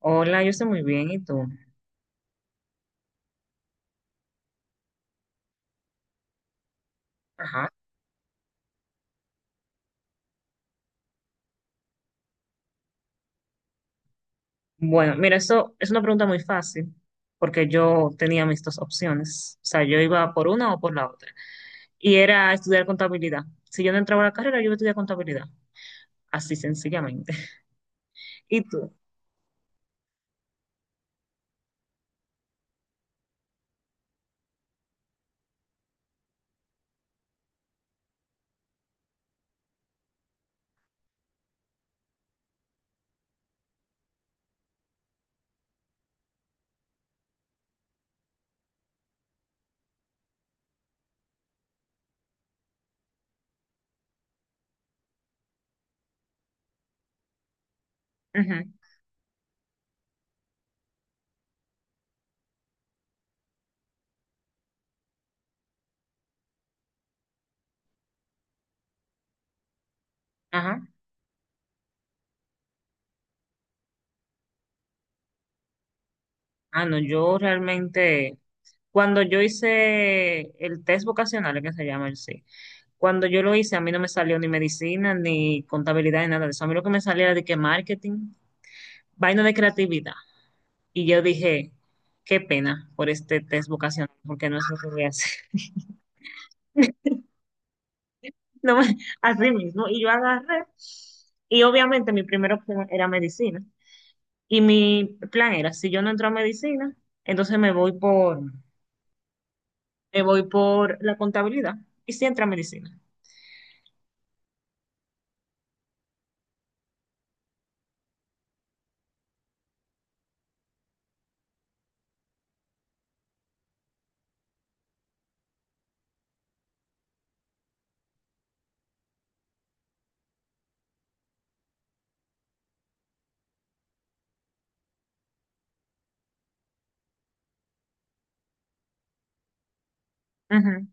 Hola, yo estoy muy bien, ¿y tú? Ajá. Bueno, mira, eso es una pregunta muy fácil, porque yo tenía mis dos opciones. O sea, yo iba por una o por la otra. Y era estudiar contabilidad. Si yo no entraba a la carrera, yo iba a estudiar contabilidad. Así sencillamente. ¿Y tú? Ujú. Ajá. Ah, no, yo realmente, cuando yo hice el test vocacional, que se llama el sí, cuando yo lo hice, a mí no me salió ni medicina, ni contabilidad, ni nada de eso. A mí lo que me salía era de que marketing, vaina de creatividad. Y yo dije, qué pena por este test vocacional, porque no es lo que voy a hacer. No me- Así mismo. Y yo agarré, y obviamente mi primera opción era medicina. Y mi plan era, si yo no entro a medicina, entonces me voy por la contabilidad. Y si entra a medicina. Ujú.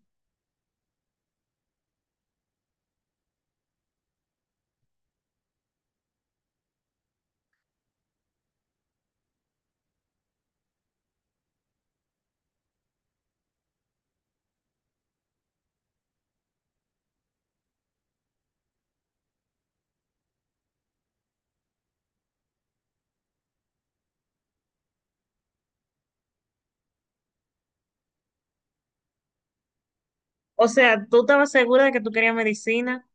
O sea, tú estabas segura de que tú querías medicina,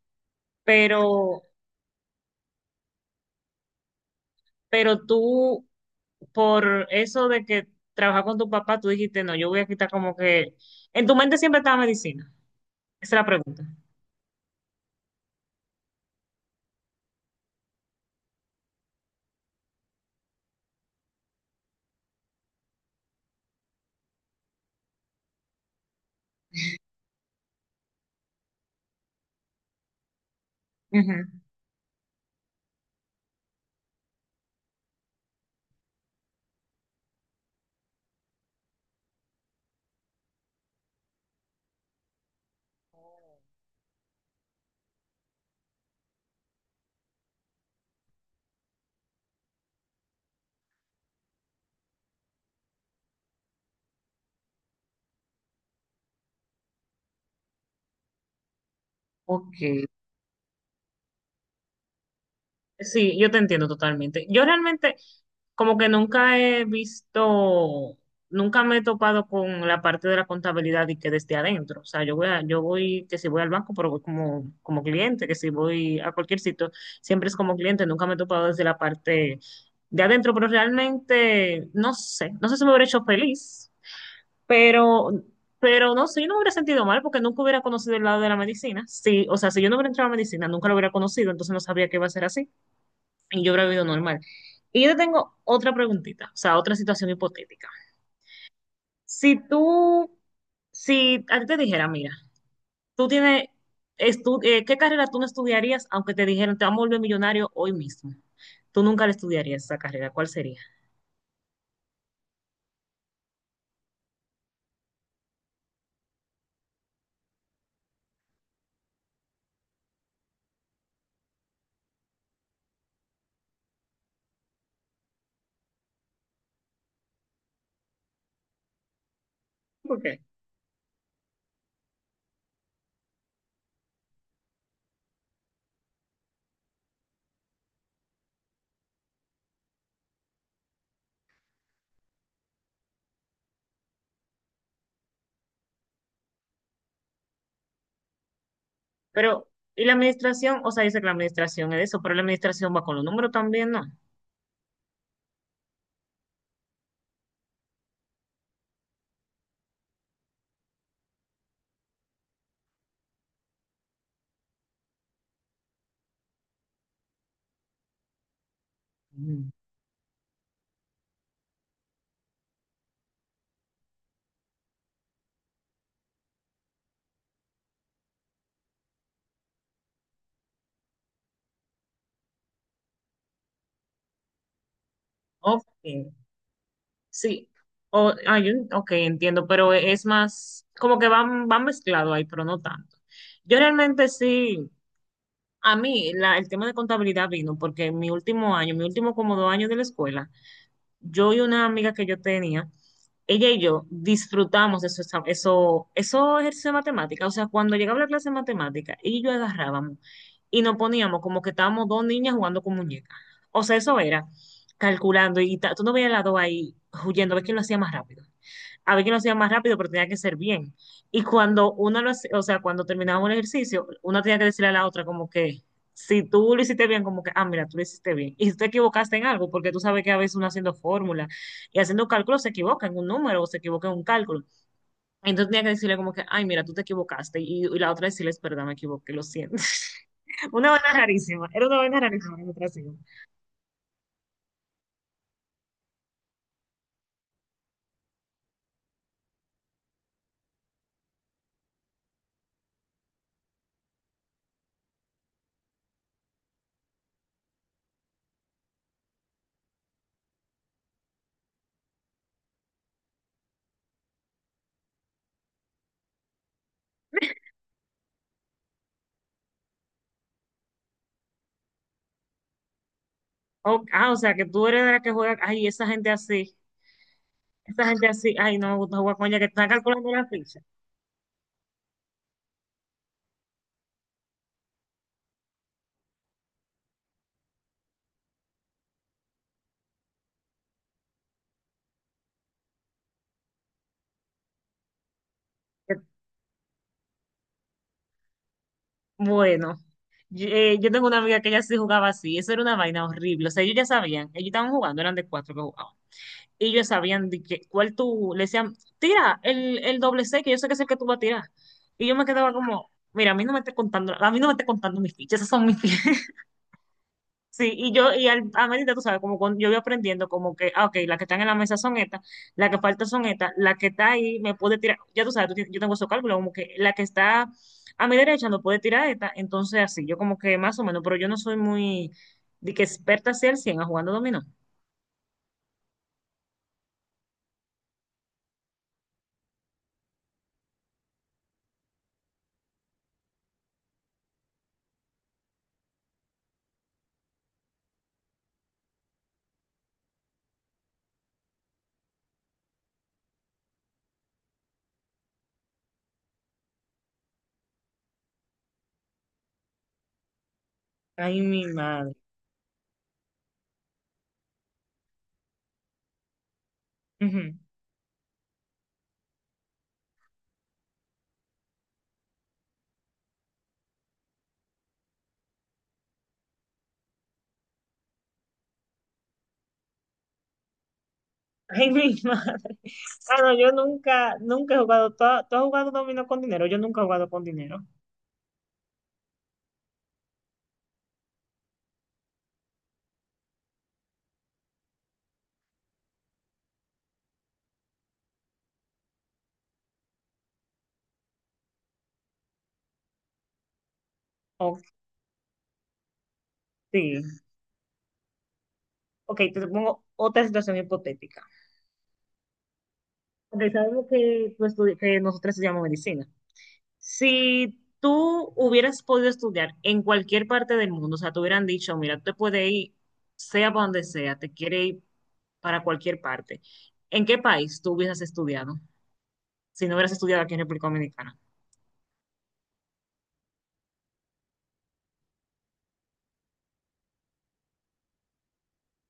pero, pero tú, por eso de que trabajar con tu papá, tú dijiste, no, yo voy a quitar como que... En tu mente siempre estaba medicina. Esa es la pregunta. Ujú. Ok. Sí, yo te entiendo totalmente. Yo realmente como que nunca he visto, nunca me he topado con la parte de la contabilidad y que desde adentro. O sea, yo voy, que si voy al banco, pero voy como, como cliente, que si voy a cualquier sitio, siempre es como cliente, nunca me he topado desde la parte de adentro, pero realmente no sé, no sé si me hubiera hecho feliz. Pero, pero no sé, yo no me hubiera sentido mal porque nunca hubiera conocido el lado de la medicina. Sí, o sea, si yo no hubiera entrado a medicina, nunca lo hubiera conocido, entonces no sabría que iba a ser así y yo hubiera vivido normal. Y yo te tengo otra preguntita, o sea, otra situación hipotética. Si tú, si a ti te dijera, mira, tú tienes, ¿qué carrera tú no estudiarías aunque te dijeran te vamos a volver millonario hoy mismo? Tú nunca le estudiarías esa carrera, ¿cuál sería? ¿Por qué? Pero, y la administración, o sea, dice que la administración es eso, pero la administración va con los números también, ¿no? Mm. Ok, sí. Ok, entiendo, pero es más, como que van, van mezclado ahí, pero no tanto. Yo realmente sí, a mí el tema de contabilidad vino porque en mi último año, mi último como dos años de la escuela, yo y una amiga que yo tenía, ella y yo disfrutamos de eso, eso ejercicio de matemática. O sea, cuando llegaba la clase de matemática, ella y yo agarrábamos y nos poníamos como que estábamos dos niñas jugando con muñecas. O sea, eso era calculando y tú no veías las dos ahí huyendo, a ver quién lo hacía más rápido. A ver quién lo hacía más rápido, pero tenía que ser bien. Y cuando una lo hacía, o sea, cuando terminábamos el ejercicio, una tenía que decirle a la otra como que si tú lo hiciste bien, como que, ah, mira, tú lo hiciste bien. Y si te equivocaste en algo, porque tú sabes que a veces uno haciendo fórmula y haciendo cálculos se equivoca en un número o se equivoca en un cálculo. Entonces tenía que decirle como que, ay, mira, tú te equivocaste. Y la otra decirle, es verdad, me equivoqué, lo siento. Una vaina rarísima, era una vaina rarísima. La otra sí. O sea, que tú eres de la que juega, ay, esa gente así, ay, no me gusta jugar con ella, que está calculando la ficha. Bueno, yo tengo una amiga que ella sí jugaba así, eso era una vaina horrible, o sea, ellos ya sabían, ellos estaban jugando, eran de cuatro que jugaban, y ellos sabían de que, cuál tú, le decían, tira el doble C, que yo sé que es el que tú vas a tirar, y yo me quedaba como, mira, a mí no me estés contando, a mí no me estés contando mis fichas, esas son mis fichas. Sí, a medida, tú sabes, como cuando yo voy aprendiendo, como que, ah, ok, las que están en la mesa son estas, las que faltan son estas, la que está ahí me puede tirar, ya tú sabes, yo tengo esos cálculos, como que la que está a mi derecha no puede tirar esta, entonces así, yo como que más o menos, pero yo no soy muy, de que experta hacia el cien a jugando dominó. Ay, mi madre. Ujú. Ay, mi madre. Ah, no, yo nunca, nunca he jugado, ¿ tú has jugado dominó con dinero? Yo nunca he jugado con dinero. Ok, sí. Ok, te pongo otra situación hipotética. Porque sabemos que pues, que nosotros estudiamos medicina. Si tú hubieras podido estudiar en cualquier parte del mundo, o sea, te hubieran dicho, mira, tú te puedes ir, sea para donde sea, te quiere ir para cualquier parte. ¿En qué país tú hubieras estudiado? Si no hubieras estudiado aquí en República Dominicana.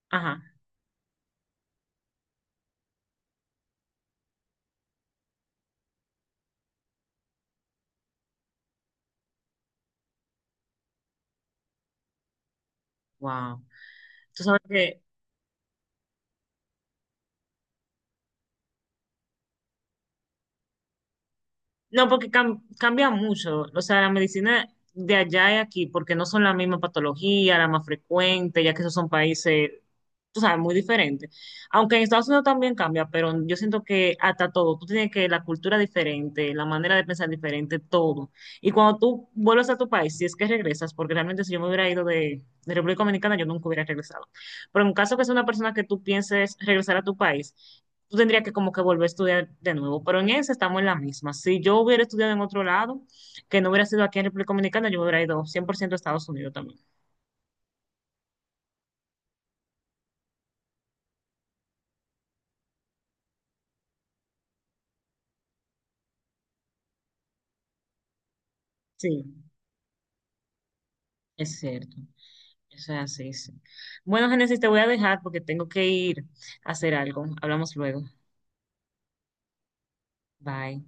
Ajá. Wow. Tú sabes que no, porque cambia mucho. O sea, la medicina de allá y aquí, porque no son la misma patología, la más frecuente, ya que esos son países, tú sabes, muy diferentes. Aunque en Estados Unidos también cambia, pero yo siento que hasta todo, tú tienes que la cultura diferente, la manera de pensar diferente, todo. Y cuando tú vuelves a tu país, si es que regresas, porque realmente si yo me hubiera ido de República Dominicana, yo nunca hubiera regresado. Pero en caso que sea una persona que tú pienses regresar a tu país, tú tendrías que como que volver a estudiar de nuevo, pero en eso estamos en la misma. Si yo hubiera estudiado en otro lado, que no hubiera sido aquí en República Dominicana, yo me hubiera ido 100% a Estados Unidos también. Sí, es cierto. Eso es así, sí. Bueno, Génesis, te voy a dejar porque tengo que ir a hacer algo. Hablamos luego. Bye.